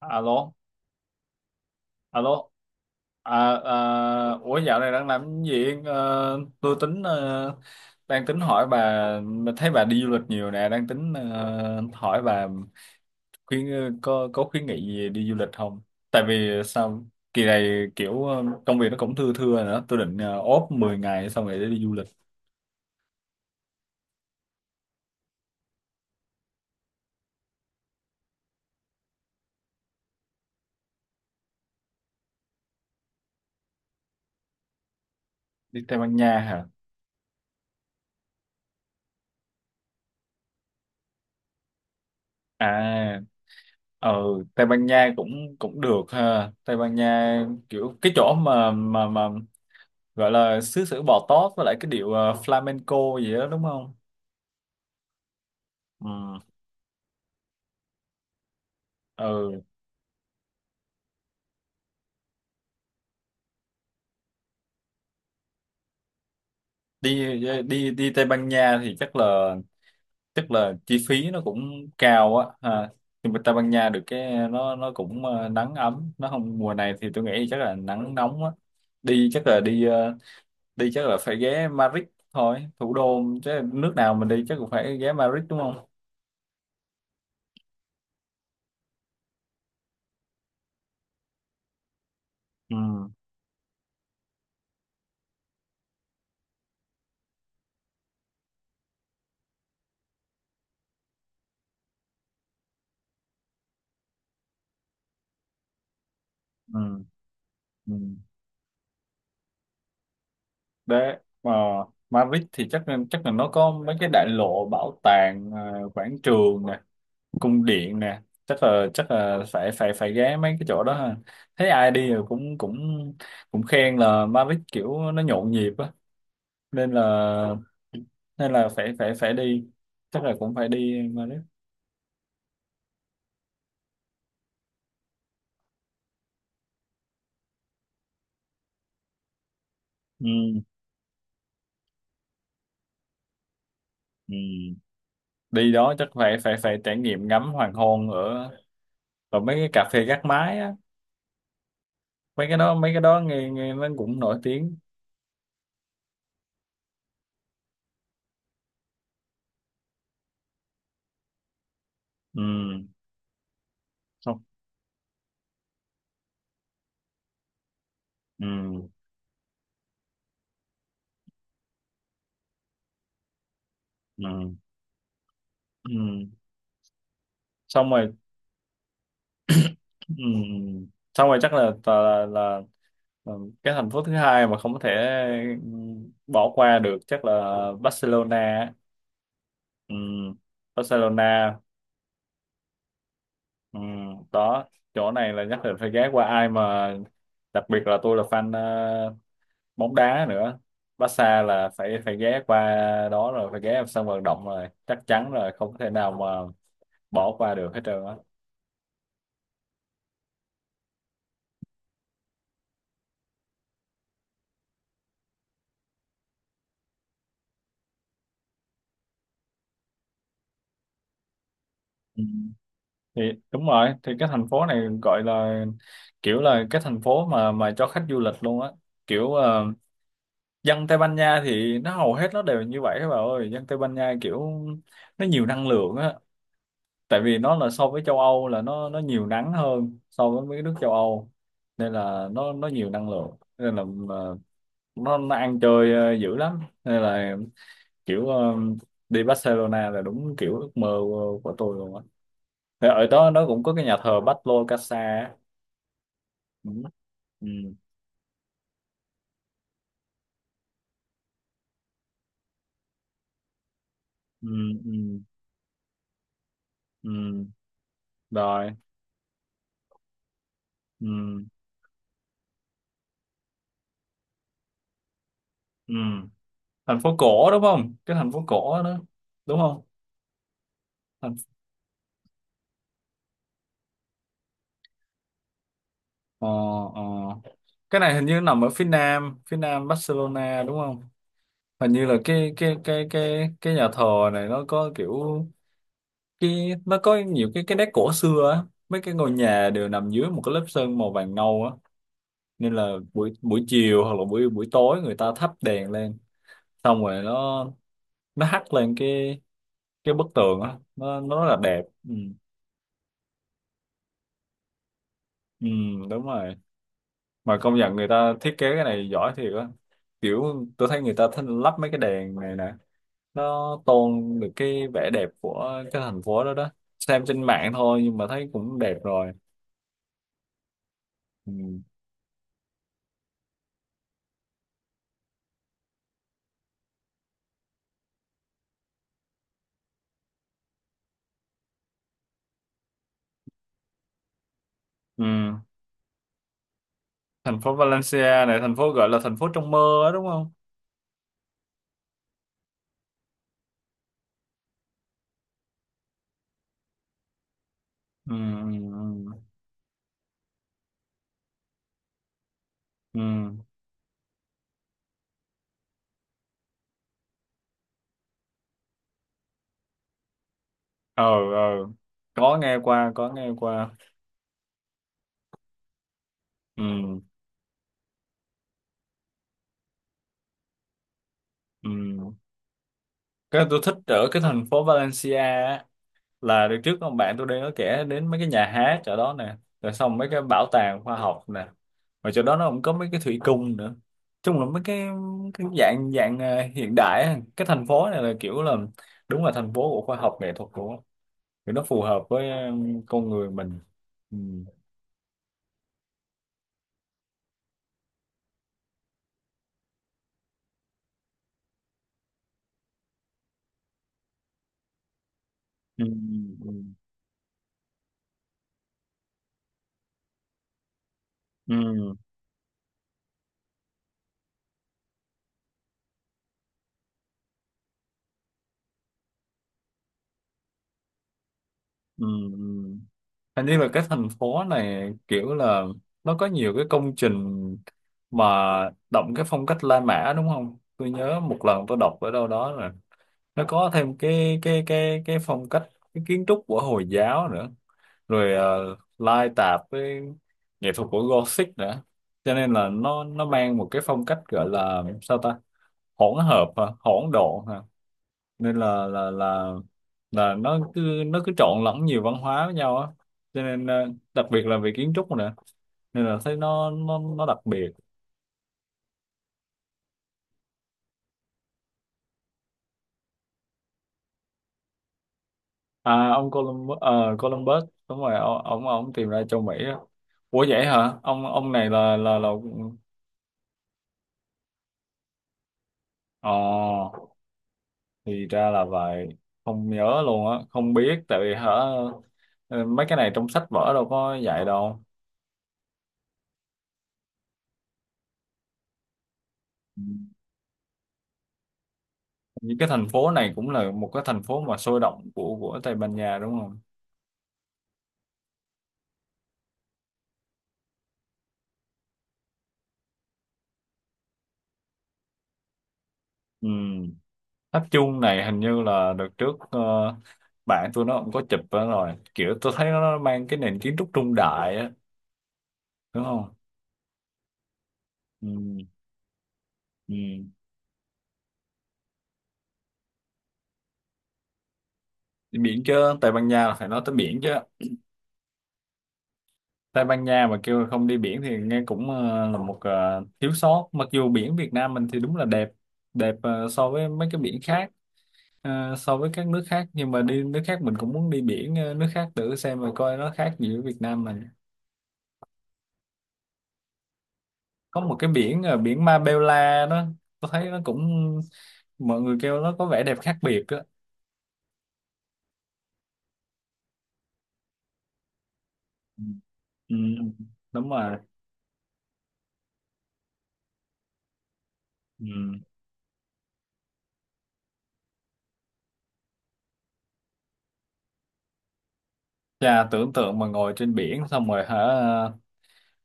Alo alo À, ủa dạo này đang làm cái gì? Ờ, tôi tính đang tính hỏi bà mà thấy bà đi du lịch nhiều nè, đang tính hỏi bà khuyên, có khuyến nghị gì đi du lịch không? Tại vì sao kỳ này kiểu công việc nó cũng thưa thưa nữa, tôi định ốp 10 ngày xong rồi để đi du lịch. Đi Tây Ban Nha hả? À, ờ, Tây Ban Nha cũng cũng được ha. Tây Ban Nha kiểu cái chỗ mà gọi là xứ sở bò tót, với lại cái điệu flamenco gì đó đúng không? Ừ. Ừ. đi đi Đi Tây Ban Nha thì chắc là chi phí nó cũng cao á ha. Nhưng mà Tây Ban Nha được cái nó cũng nắng ấm, nó không, mùa này thì tôi nghĩ chắc là nắng nóng á. Đi chắc là đi, đi chắc là phải ghé Madrid thôi, thủ đô chứ, nước nào mình đi chắc cũng phải ghé Madrid đúng không? Ừ. Ừ. Ừ. Đấy, mà Madrid thì chắc là nó có mấy cái đại lộ, bảo tàng, quảng trường nè, cung điện nè, chắc là phải phải phải ghé mấy cái chỗ đó ha. Thấy ai đi rồi cũng cũng cũng khen là Madrid kiểu nó nhộn nhịp á, nên là phải phải phải đi, chắc là cũng phải đi Madrid. Ừ, ừ. Đi đó chắc phải phải phải trải nghiệm ngắm hoàng hôn ở ở mấy cái cà phê gác mái á, mấy cái đó nghe nghe nó cũng nổi tiếng. Ừ. Ừ. Ừ. Ừ. Xong rồi. Ừ. Xong rồi chắc là, là cái thành phố thứ hai mà không có thể, ừ, bỏ qua được chắc là Barcelona á. Ừ. Barcelona. Ừ. Đó, chỗ này là nhất định phải ghé qua, ai mà đặc biệt là tôi là fan bóng đá nữa, Barca là phải phải ghé qua. Đó rồi phải ghé vào sân vận động rồi, chắc chắn rồi, không thể nào mà bỏ qua được hết trơn á. Thì đúng rồi, thì cái thành phố này gọi là kiểu là cái thành phố mà cho khách du lịch luôn á, kiểu dân Tây Ban Nha thì nó hầu hết nó đều như vậy các bạn ơi, dân Tây Ban Nha kiểu nó nhiều năng lượng á, tại vì nó là so với châu Âu là nó nhiều nắng hơn so với mấy nước châu Âu, nên là nó nhiều năng lượng, nên là ờ, nó ăn chơi dữ lắm, nên là kiểu đi Barcelona là đúng kiểu ước mơ của tôi luôn á. Thì ở đó nó cũng có cái nhà thờ Pablo Casa. Đúng đấy. Ừ, ừ, ừ, ừ. Rồi. Ừ, ừ. Thành phố cổ đúng không, cái thành phố cổ đó, đúng không? Thành... Ờ, ờ. Cái này hình như nằm ở phía nam Barcelona đúng không? Hình như là cái nhà thờ này nó có kiểu, cái nó có nhiều cái nét cổ xưa á, mấy cái ngôi nhà đều nằm dưới một cái lớp sơn màu vàng nâu á, nên là buổi buổi chiều hoặc là buổi buổi tối người ta thắp đèn lên, xong rồi nó hắt lên cái bức tường á, nó rất là đẹp. Ừ. Ừ. Đúng rồi. Mà công nhận người ta thiết kế cái này giỏi thiệt á, kiểu tôi thấy người ta thích lắp mấy cái đèn này nè, nó tôn được cái vẻ đẹp của cái thành phố đó. Đó, xem trên mạng thôi nhưng mà thấy cũng đẹp rồi. Ừ. Ừ. Thành phố Valencia này, thành phố gọi là thành phố trong mơ á đúng không? Ừ. Ừ. Ừ. Ờ, ờ, có nghe qua, có nghe qua. Ừ. Ừ. Cái tôi thích ở cái thành phố Valencia á, là đợt trước ông bạn tôi đang có kể đến mấy cái nhà hát chỗ đó nè, rồi xong mấy cái bảo tàng khoa học nè, mà chỗ đó nó cũng có mấy cái thủy cung nữa. Chung là mấy cái, dạng dạng hiện đại á. Cái thành phố này là kiểu là đúng là thành phố của khoa học nghệ thuật của, thì nó phù hợp với con người mình. Ừ. Ừ. Ừ. Ừ. Ừ. Hình như là cái thành phố này kiểu là nó có nhiều cái công trình mà đậm cái phong cách La Mã đúng không? Tôi nhớ một lần tôi đọc ở đâu đó rồi, nó có thêm cái phong cách, cái kiến trúc của Hồi giáo nữa, rồi lai tạp với nghệ thuật của Gothic nữa, cho nên là nó mang một cái phong cách gọi là sao ta, hỗn hợp hả? Hỗn độn hả? Nên là là nó cứ trộn lẫn nhiều văn hóa với nhau á, cho nên đặc biệt là về kiến trúc nữa, nên là thấy nó đặc biệt. À, ông Columbus, Columbus đúng rồi, ông tìm ra châu Mỹ á. Ủa vậy hả? Ông này là... Ờ, thì ra là vậy. Không nhớ luôn á, không biết tại vì hả, ờ, mấy cái này trong sách vở đâu có dạy đâu. Ừ. Những cái thành phố này cũng là một cái thành phố mà sôi động của Tây Ban Nha đúng không? Ừ. Tháp chuông này hình như là đợt trước bạn tôi nó cũng có chụp đó rồi, kiểu tôi thấy nó mang cái nền kiến trúc trung đại á đúng không? Ừ, ừ. Đi biển chứ, Tây Ban Nha là phải nói tới biển chứ. Tây Ban Nha mà kêu là không đi biển thì nghe cũng là một, thiếu sót, mặc dù biển Việt Nam mình thì đúng là đẹp, đẹp so với mấy cái biển khác, so với các nước khác, nhưng mà đi nước khác mình cũng muốn đi biển, nước khác thử xem mà coi nó khác gì với Việt Nam mình. Có một cái biển, biển Marbella đó, tôi thấy nó cũng, mọi người kêu nó có vẻ đẹp khác biệt đó. Ừ, ừ, đúng rồi. Ừ. Chà, tưởng tượng mà ngồi trên biển xong rồi hả,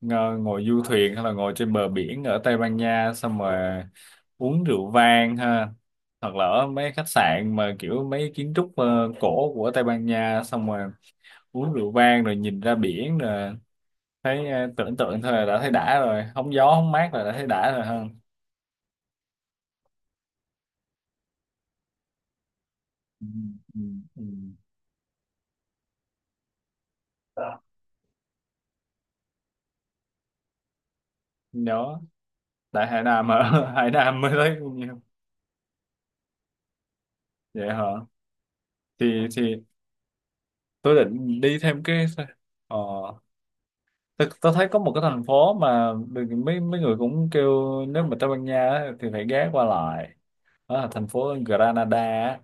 ngồi du thuyền hay là ngồi trên bờ biển ở Tây Ban Nha xong rồi uống rượu vang ha, hoặc là ở mấy khách sạn mà kiểu mấy kiến trúc cổ của Tây Ban Nha xong rồi uống rượu vang rồi nhìn ra biển rồi, thấy tưởng tượng thôi là đã thấy đã rồi, hóng gió hóng mát là đã thấy đã rồi ha. Ừ, ừ, ừ. Đó. Đó, tại Hải Nam ở Hải Nam mới thấy bao nhiêu. Vậy hả? Thì tôi định đi thêm cái, ờ, tôi thấy có một cái thành phố mà được- mấy mấy người cũng kêu nếu mà Tây Ban Nha á, thì phải ghé qua lại. Đó là thành phố Granada á.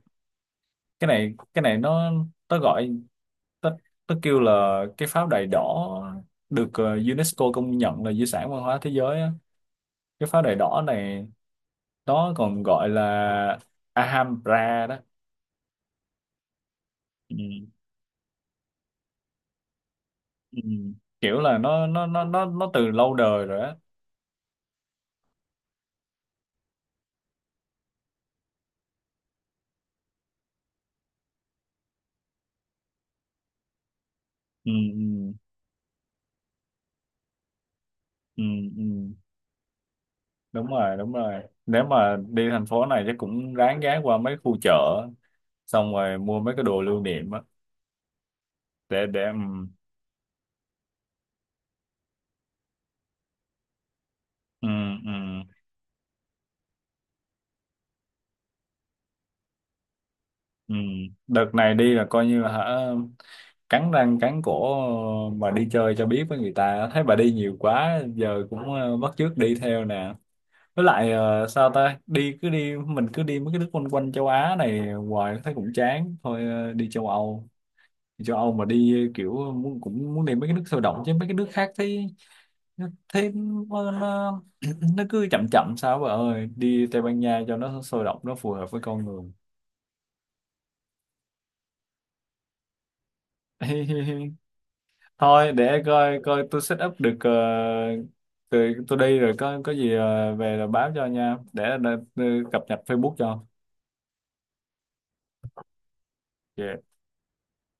Cái này nó gọi nó, nó kêu là cái pháo đài đỏ, được UNESCO công nhận là di sản văn hóa thế giới á. Cái pháo đài đỏ này nó còn gọi là Alhambra đó. Ừ. Ừ. Kiểu là nó từ lâu đời rồi á. Ừ. Ừ. Ừ. Ừ. Đúng rồi, đúng rồi, nếu mà đi thành phố này chắc cũng ráng ghé qua mấy khu chợ xong rồi mua mấy cái đồ lưu niệm á. Để ừ. Ừ. Ừ. Ừ. Đợt này đi là coi như là hả, cắn răng cắn cổ mà đi chơi cho biết với người ta, thấy bà đi nhiều quá giờ cũng bắt chước đi theo nè, với lại sao ta, đi cứ đi, mình cứ đi mấy cái nước quanh quanh châu Á này hoài thấy cũng chán, thôi đi châu Âu. Đi châu Âu mà đi kiểu muốn, cũng muốn đi mấy cái nước sôi động chứ mấy cái nước khác thấy, thấy nó nó, nó cứ chậm chậm sao bà ơi, đi Tây Ban Nha cho nó sôi động, nó phù hợp với con người. Thôi để coi coi tôi set up được tôi đi rồi có gì về rồi báo cho nha, để cập nhật Facebook cho. Ok.